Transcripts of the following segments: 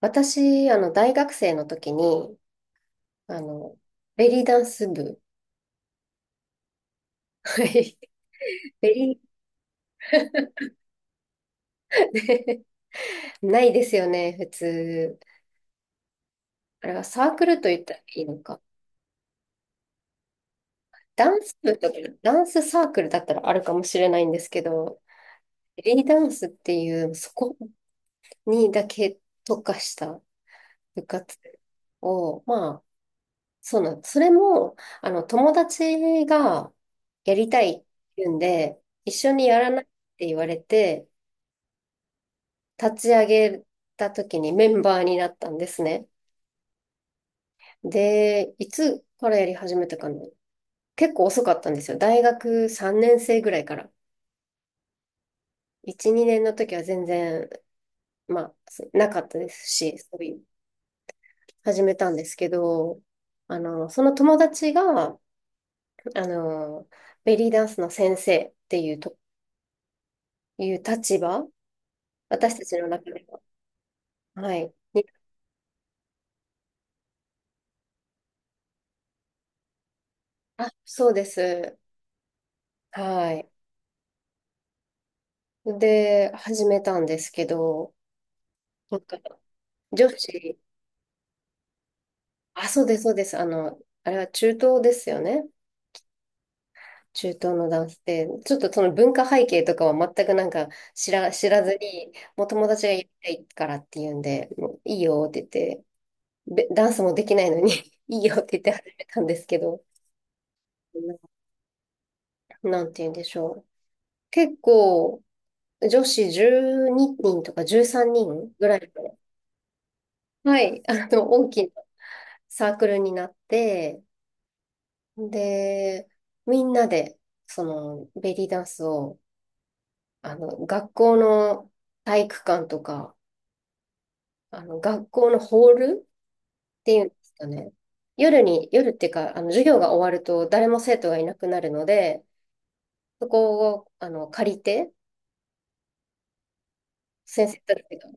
私、大学生の時に、あの、ベリーダンス部。はい。ベリー、ないですよね、普通。あれはサークルと言ったらいいのか。ダンス部とか、ダンスサークルだったらあるかもしれないんですけど、ベリーダンスっていう、そこにだけ特化した部活を、まあ、そうなん、それも、友達がやりたいって言うんで、一緒にやらないって言われて、立ち上げた時にメンバーになったんですね。で、いつからやり始めたかな。結構遅かったんですよ。大学3年生ぐらいから。1、2年の時は全然、まあ、なかったですし、そういう、始めたんですけど、その友達が、あの、ベリーダンスの先生っていうと、いう立場、私たちの中では、はい。あ、そうです。はい。で、始めたんですけど、なんか女子、あ、そうです、そうです。あれは中東ですよね。中東の男性。ちょっとその文化背景とかは全くなんか知らずに、もう友達がやりたいからっていうんで、もういいよって言って、べダンスもできないのに いいよって言って始めたんですけど、なんて言うんでしょう。結構、女子12人とか13人ぐらいの、はい、大きなサークルになって、で、みんなで、その、ベリーダンスを、学校の体育館とか、学校のホールっていうんですかね。夜に、夜っていうか、授業が終わると誰も生徒がいなくなるので、そこを、借りて、先生たちが、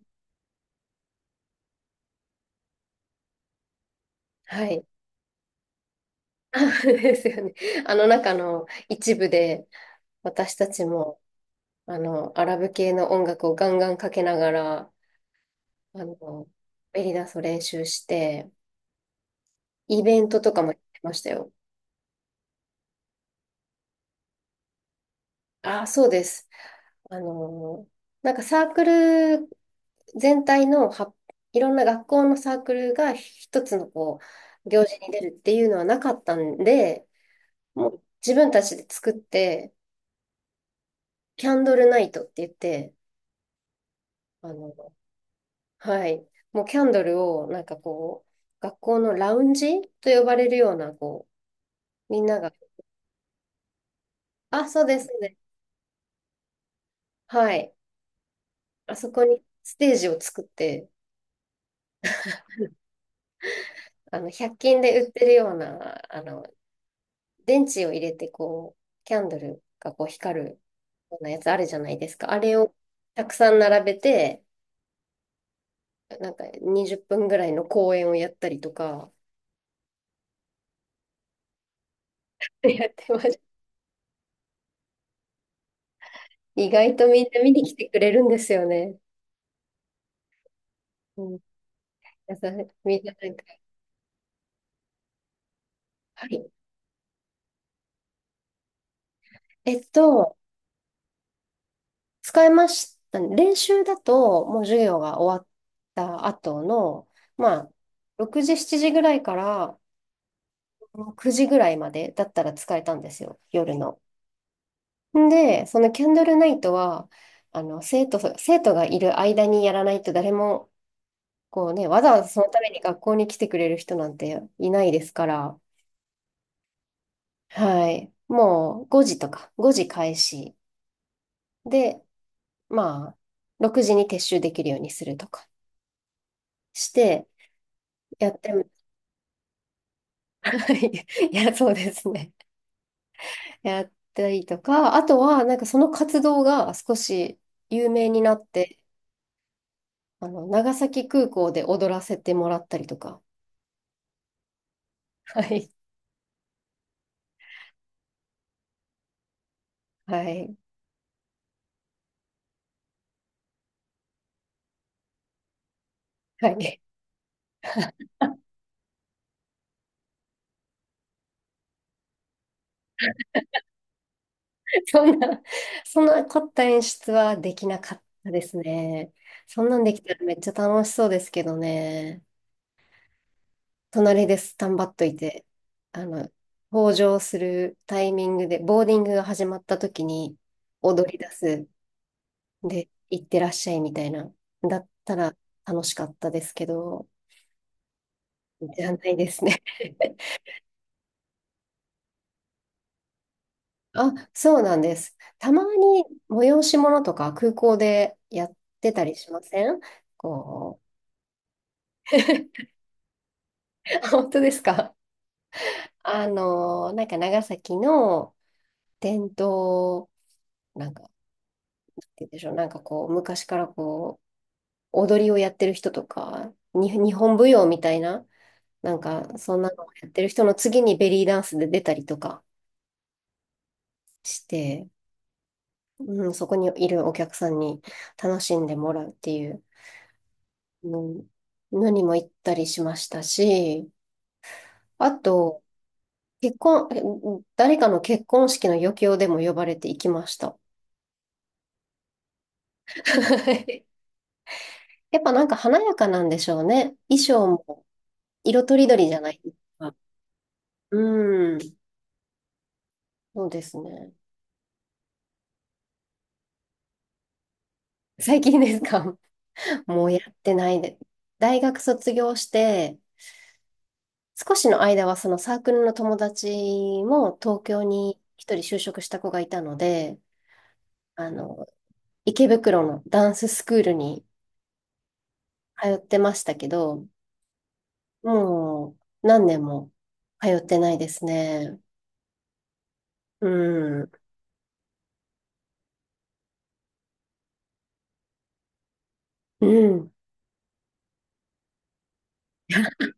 はい。あそうですよね。あの中の一部で、私たちも、アラブ系の音楽をガンガンかけながら、あの、ベリーダンスを練習して、イベントとかもやってましたよ。ああ、そうです。あのーなんかサークル全体のは、いろんな学校のサークルが一つの行事に出るっていうのはなかったんで、もう自分たちで作って、キャンドルナイトって言って、あの、はい、もうキャンドルをなんかこう、学校のラウンジと呼ばれるような、こう、みんなが、あ、そうですね。はい。あそこにステージを作って、100均で売ってるような、電池を入れて、こう、キャンドルがこう光るようなやつあるじゃないですか。あれをたくさん並べて、なんか20分ぐらいの公演をやったりとか、やってました。意外とみんな見に来てくれるんですよね。うん。やさみんななんか、はい。えっと、使いました。練習だと、もう授業が終わった後の、まあ、6時、7時ぐらいから、9時ぐらいまでだったら使えたんですよ、夜の。んで、そのキャンドルナイトは、生徒がいる間にやらないと誰も、こうね、わざわざそのために学校に来てくれる人なんていないですから、はい。もう5時とか、5時開始で、まあ、6時に撤収できるようにするとかして、やっても、はい。いや、そうですね。やったりとか、あとは、なんかその活動が少し有名になって、長崎空港で踊らせてもらったりとか。はい。はい。はい。そんな、そんな凝った演出はできなかったですね。そんなんできたらめっちゃ楽しそうですけどね。隣でスタンバっといて、あの、登場するタイミングで、ボーディングが始まった時に踊り出す。で、行ってらっしゃいみたいな。だったら楽しかったですけど、じゃないですね。あ、そうなんです。たまに催し物とか空港でやってたりしませんこう。あ本当ですか？なんか長崎の伝統、なんか、なんて言うんでしょう、なんかこう、昔からこう、踊りをやってる人とか、日本舞踊みたいな、なんか、そんなのをやってる人の次にベリーダンスで出たりとかして、うん、そこにいるお客さんに楽しんでもらうっていう。うん何も行ったりしましたし、あと、結婚、え誰かの結婚式の余興でも呼ばれて行きました。やっぱなんか華やかなんでしょうね。衣装も色とりどりじゃないですか。うん、そうですね。最近ですか？ もうやってないで。大学卒業して、少しの間はそのサークルの友達も東京に一人就職した子がいたので、あの、池袋のダンススクールに通ってましたけど、もう何年も通ってないですね。うん。うん。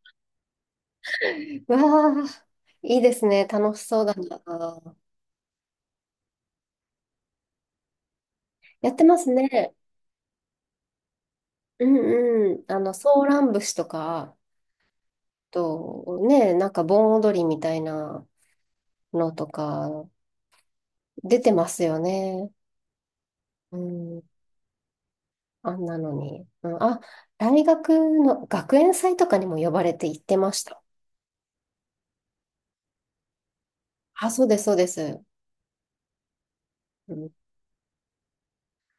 わあ、いいですね。楽しそうだな。やってますね。うんうん。ソーラン節とか、ね、なんか盆踊りみたいなのとか、出てますよね。うん。あんなのに。うん、あ、大学の学園祭とかにも呼ばれて行ってました。あ、そうです、そうです。うん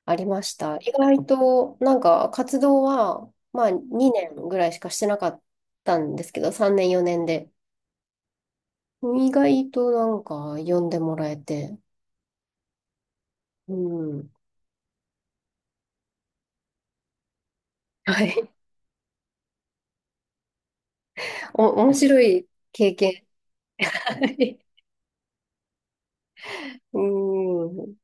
ありました。意外と、なんか活動は、まあ2年ぐらいしかしてなかったんですけど、3年4年で。意外となんか呼んでもらえて、うん。はい。お、面白い経験。はい。うん。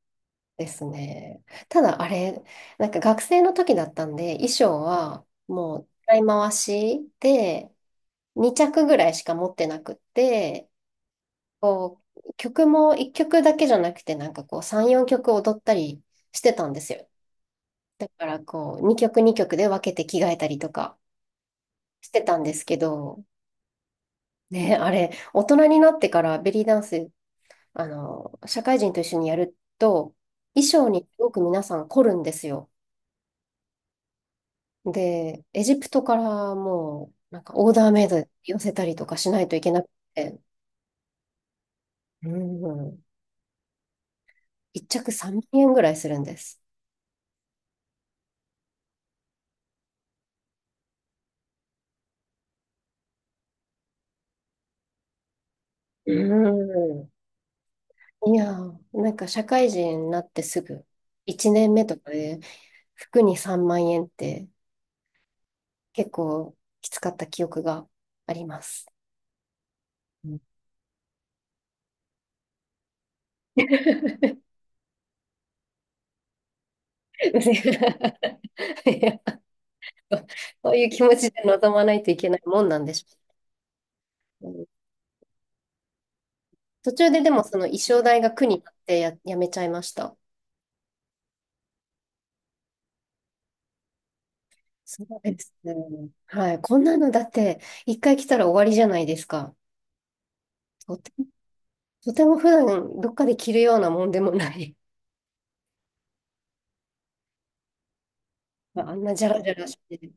ですね。ただあれ、なんか学生の時だったんで、衣装はもう使い回しで、2着ぐらいしか持ってなくって、こう、曲も1曲だけじゃなくて、なんかこう、3、4曲踊ったりしてたんですよ。だからこう、2曲2曲で分けて着替えたりとかしてたんですけど、ね、あれ、大人になってからベリーダンス、社会人と一緒にやると、衣装にすごく皆さん凝るんですよ。で、エジプトからもう、なんかオーダーメイドで寄せたりとかしないといけなくて、うん、1着3万円ぐらいするんです。うん。いやー、なんか社会人になってすぐ、1年目とかで服に3万円って結構きつかった記憶があります。うん いやそういう気持ちで臨まないといけないもんなんでしょうね。うん途中ででもその衣装代が苦になってやめちゃいました。そうですね。はい。こんなのだって一回来たら終わりじゃないですか。とて、とても普段どっかで着るようなもんでもない。あんなジャラジャラして。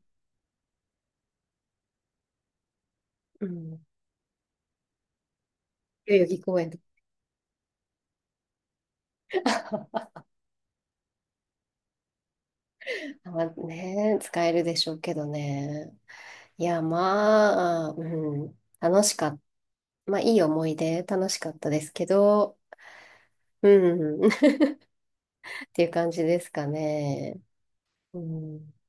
うん。代々木公園とか まあね、使えるでしょうけどね。いや、まあ、うん。楽しかった。まあ、いい思い出、楽しかったですけど、うん。っていう感じですかね。うん。